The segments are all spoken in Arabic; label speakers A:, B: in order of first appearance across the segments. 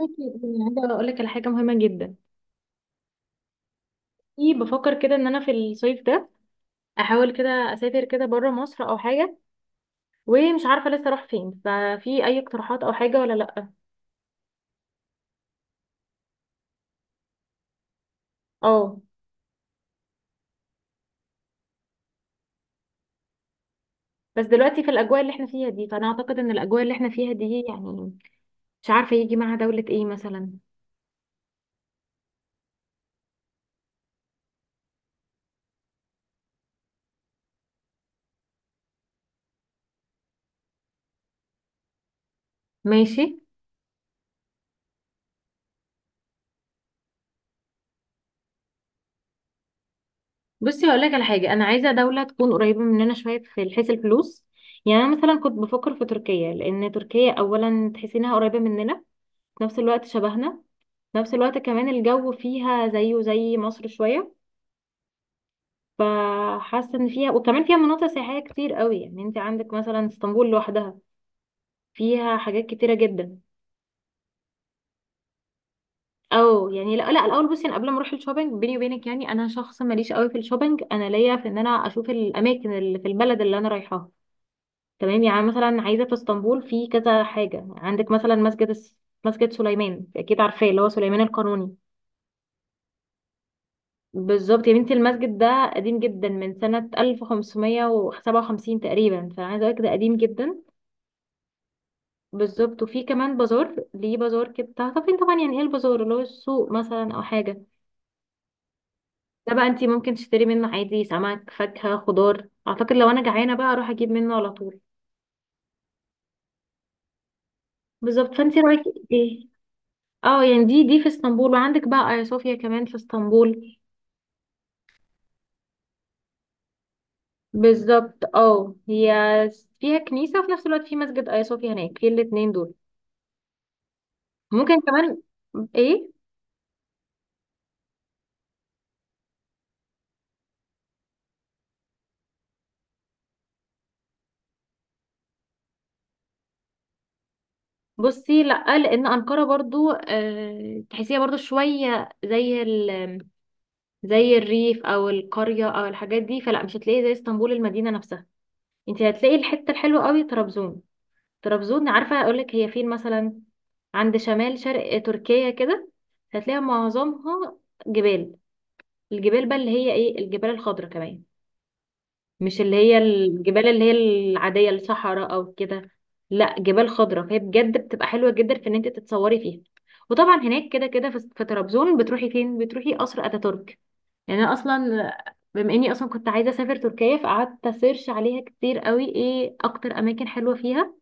A: أكيد، يعني عايزة أقول لك على حاجة مهمة جدا. في بفكر كده إن أنا في الصيف ده أحاول كده أسافر كده بره مصر أو حاجة، ومش عارفة لسه أروح فين. ففي أي اقتراحات أو حاجة ولا لأ؟ أه. بس دلوقتي في الأجواء اللي إحنا فيها دي، فأنا أعتقد إن الأجواء اللي إحنا فيها دي يعني مش عارفة يجي معها دولة إيه مثلا. ماشي. بصي هقول لك على حاجة، أنا عايزة دولة تكون قريبة مننا شوية في حيث الفلوس. يعني أنا مثلا كنت بفكر في تركيا، لأن تركيا أولا تحسي إنها قريبة مننا، في نفس الوقت شبهنا، في نفس الوقت كمان الجو فيها زيه زي مصر شوية. فحاسة ان فيها، وكمان فيها مناطق سياحية كتير قوي. يعني انت عندك مثلا اسطنبول لوحدها فيها حاجات كتيرة جدا. او يعني لا لا، الاول بصي انا قبل ما اروح الشوبينج، بيني وبينك يعني انا شخص ماليش قوي في الشوبينج، انا ليا في ان انا اشوف الاماكن اللي في البلد اللي انا رايحاها. تمام، يعني مثلا عايزة في اسطنبول في كذا حاجة، عندك مثلا مسجد سليمان، اكيد عارفاه، اللي هو سليمان القانوني. بالظبط يا بنتي، المسجد ده قديم جدا من سنة 1557 تقريبا، فأنا عايزة أقولك ده قديم جدا. بالظبط. وفي كمان بازار، ليه بازار كده؟ تعرفين طبعا يعني، يعني ايه البازار؟ اللي هو السوق مثلا أو حاجة. ده بقى انتي ممكن تشتري منه عادي سمك، فاكهة، خضار. أعتقد لو أنا جعانة بقى أروح أجيب منه على طول. بالظبط، فانتي رأيك ايه؟ اه يعني دي في اسطنبول، وعندك بقى آيا صوفيا كمان في اسطنبول. بالظبط، اه هي فيها كنيسة، وفي نفس الوقت في مسجد آيا صوفيا هناك، في الاتنين دول. ممكن كمان ايه. بصي لا، لان انقره برضو آه تحسيها برضو شويه زي الريف او القريه او الحاجات دي، فلا مش هتلاقي زي اسطنبول المدينه نفسها. انت هتلاقي الحته الحلوه قوي طرابزون. طرابزون عارفه اقول لك هي فين مثلا؟ عند شمال شرق تركيا كده. هتلاقي معظمها جبال، الجبال بقى اللي هي ايه، الجبال الخضراء كمان، مش اللي هي الجبال اللي هي العادية الصحراء او كده. لا، جبال خضراء. فهي بجد بتبقى حلوة جدا في ان انت تتصوري فيها. وطبعا هناك كده كده في طرابزون بتروحي فين؟ بتروحي قصر اتاتورك. يعني انا اصلا، بما اني اصلا كنت عايزة اسافر تركيا، فقعدت اسيرش عليها كتير قوي ايه اكتر اماكن حلوة فيها،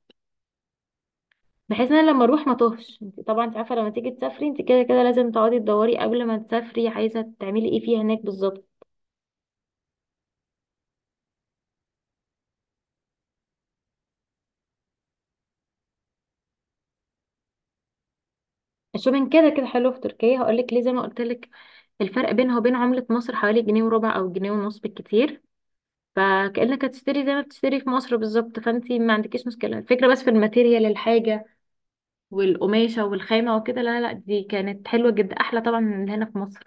A: بحيث ان انا لما اروح ما توهش. انت طبعا انت عارفة لما تيجي تسافري انت كده كده لازم تقعدي تدوري قبل ما تسافري عايزة تعملي ايه فيها هناك بالظبط. الشوبينج كده كده حلو في تركيا، هقولك ليه. زي ما قلت لك، الفرق بينها وبين عملة مصر حوالي جنيه وربع أو جنيه ونص بالكتير. فكأنك هتشتري زي ما بتشتري في مصر بالظبط، فانتي ما عندكيش مشكلة. الفكرة بس في الماتيريال، الحاجة والقماشة والخامة وكده، لا لا دي كانت حلوة جدا، أحلى طبعا من اللي هنا في مصر.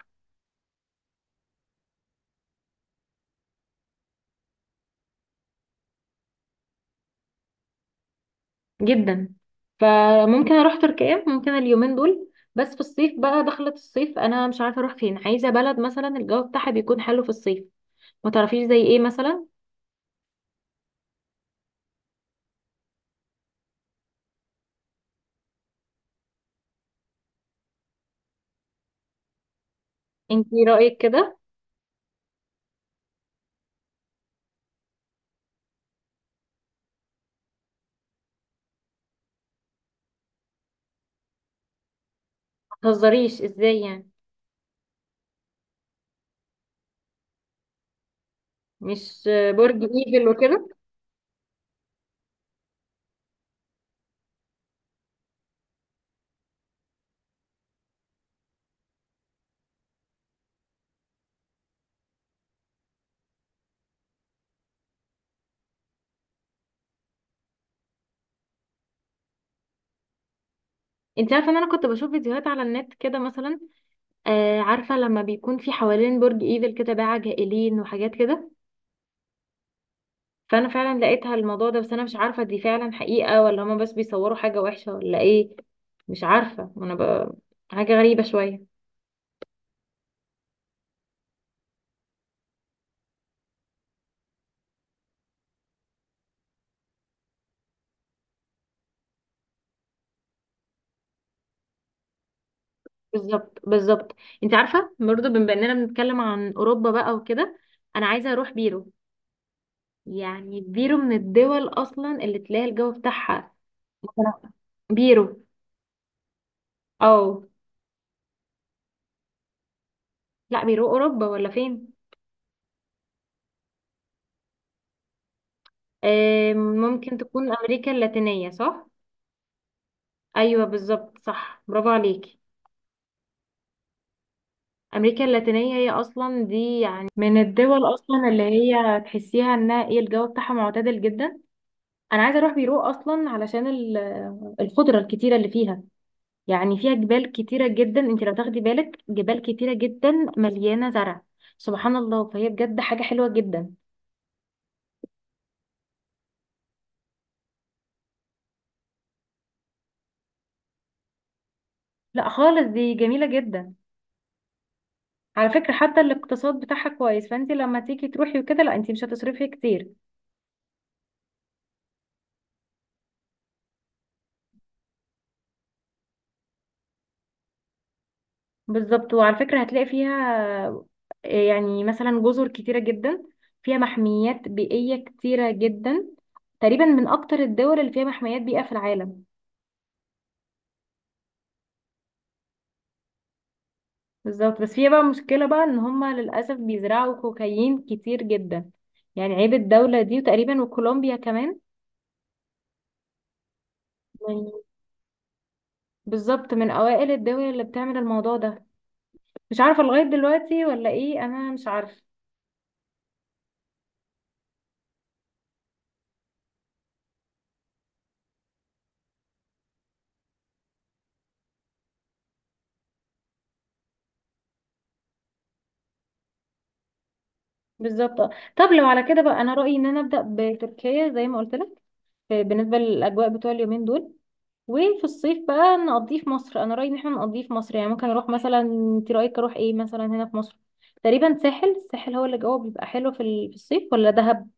A: جدا. فممكن أروح تركيا ممكن اليومين دول. بس في الصيف بقى، دخلت الصيف أنا مش عارفة أروح فين، عايزة بلد مثلا الجو بتاعها بيكون حلو في الصيف. ما تعرفيش زي ايه مثلا؟ انتي رأيك كده؟ ما تهزريش، ازاي يعني؟ مش برج ايفل وكده؟ انت عارفه ان انا كنت بشوف فيديوهات على النت كده مثلا، آه عارفه لما بيكون في حوالين برج ايفل كده باعة جائلين وحاجات كده. فانا فعلا لقيتها الموضوع ده، بس انا مش عارفه دي فعلا حقيقه ولا هما بس بيصوروا حاجه وحشه ولا ايه. مش عارفه. حاجه غريبه شويه. بالظبط بالظبط. انت عارفه برضه بما اننا بنتكلم عن اوروبا بقى وكده، انا عايزه اروح بيرو. يعني بيرو من الدول اصلا اللي تلاقي الجو بتاعها مثلا. بيرو. اه. لا بيرو اوروبا ولا فين؟ ممكن تكون أمريكا اللاتينية صح؟ أيوة بالظبط صح، برافو عليكي. أمريكا اللاتينية هي أصلا، دي يعني من الدول أصلا اللي هي تحسيها إنها إيه، الجو بتاعها معتدل جدا. أنا عايزة أروح بيرو أصلا علشان الخضرة الكتيرة اللي فيها. يعني فيها جبال كتيرة جدا، أنت لو تاخدي بالك جبال كتيرة جدا مليانة زرع، سبحان الله. فهي بجد حاجة حلوة جدا. لا خالص دي جميلة جدا. على فكرة حتى الاقتصاد بتاعها كويس، فأنت لما تيجي تروحي وكده لا أنت مش هتصرفي كتير. بالظبط، وعلى فكرة هتلاقي فيها يعني مثلا جزر كتيرة جدا، فيها محميات بيئية كتيرة جدا، تقريبا من أكتر الدول اللي فيها محميات بيئة في العالم. بالظبط، بس فيها بقى مشكلة بقى إن هما للأسف بيزرعوا كوكايين كتير جدا. يعني عيب الدولة دي، وتقريبا وكولومبيا كمان. من- بالظبط، من أوائل الدول اللي بتعمل الموضوع ده. مش عارفة لغاية دلوقتي ولا إيه، أنا مش عارفة. بالظبط. طب لو على كده بقى، أنا رأيي إن أنا أبدأ بتركيا زي ما قلت لك، بالنسبة للأجواء بتوع اليومين دول. وفي الصيف بقى نقضيه في مصر، أنا رأيي إن احنا نقضيه في مصر. يعني ممكن أروح مثلا، أنت رأيك أروح إيه مثلا هنا في مصر؟ تقريبا ساحل، الساحل هو اللي جوه بيبقى حلو في الصيف، ولا دهب؟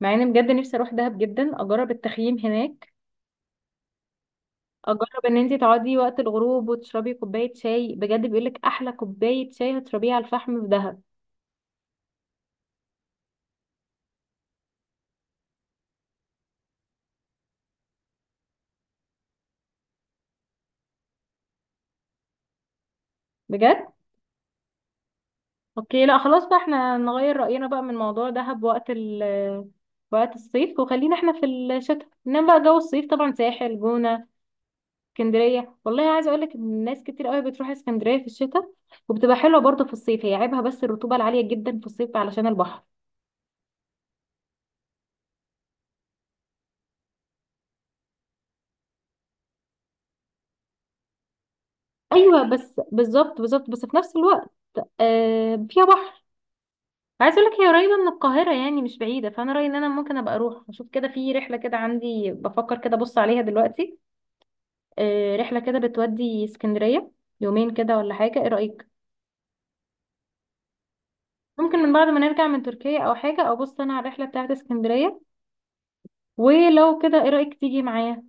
A: مع إني بجد نفسي أروح دهب جدا أجرب التخييم هناك، أجرب إن أنت تقعدي وقت الغروب وتشربي كوباية شاي، بجد بيقولك أحلى كوباية شاي هتشربيها على الفحم في دهب. بجد. اوكي لا خلاص بقى احنا نغير رأينا بقى من موضوع دهب وقت الصيف، وخلينا احنا في الشتاء. انما بقى جو الصيف طبعا ساحل، جونة، اسكندرية. والله عايزة اقولك ان الناس كتير قوي بتروح اسكندرية في الشتاء، وبتبقى حلوة برضه في الصيف. هي عيبها بس الرطوبة العالية جدا في الصيف علشان البحر. ايوه بس، بالظبط بالظبط. بس في نفس الوقت آه فيها بحر. عايزة اقولك هي قريبة من القاهرة يعني مش بعيدة، فانا رأيي ان انا ممكن ابقى اروح اشوف كده في رحلة كده. عندي بفكر كده، ابص عليها دلوقتي. رحلة كده بتودي اسكندرية، يومين كده ولا حاجة، ايه رأيك؟ ممكن من بعد ما نرجع من تركيا او حاجة، ابص انا على الرحلة بتاعت اسكندرية. ولو كده ايه رأيك تيجي معايا؟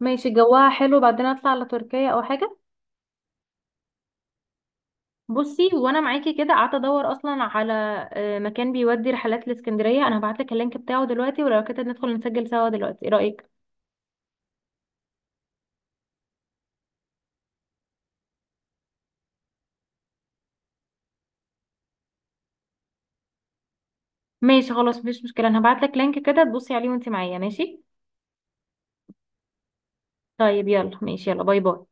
A: ماشي جواها حلو، بعدين اطلع على تركيا او حاجة. بصي وانا معاكي، كده قعدت ادور اصلا على مكان بيودي رحلات لاسكندرية. انا هبعتلك اللينك بتاعه دلوقتي، ولو كده ندخل نسجل سوا دلوقتي، ايه رأيك؟ ماشي خلاص مفيش مشكلة، انا هبعتلك لينك كده تبصي عليه وانت معايا ماشي. طيب يلا ماشي، يلا باي باي.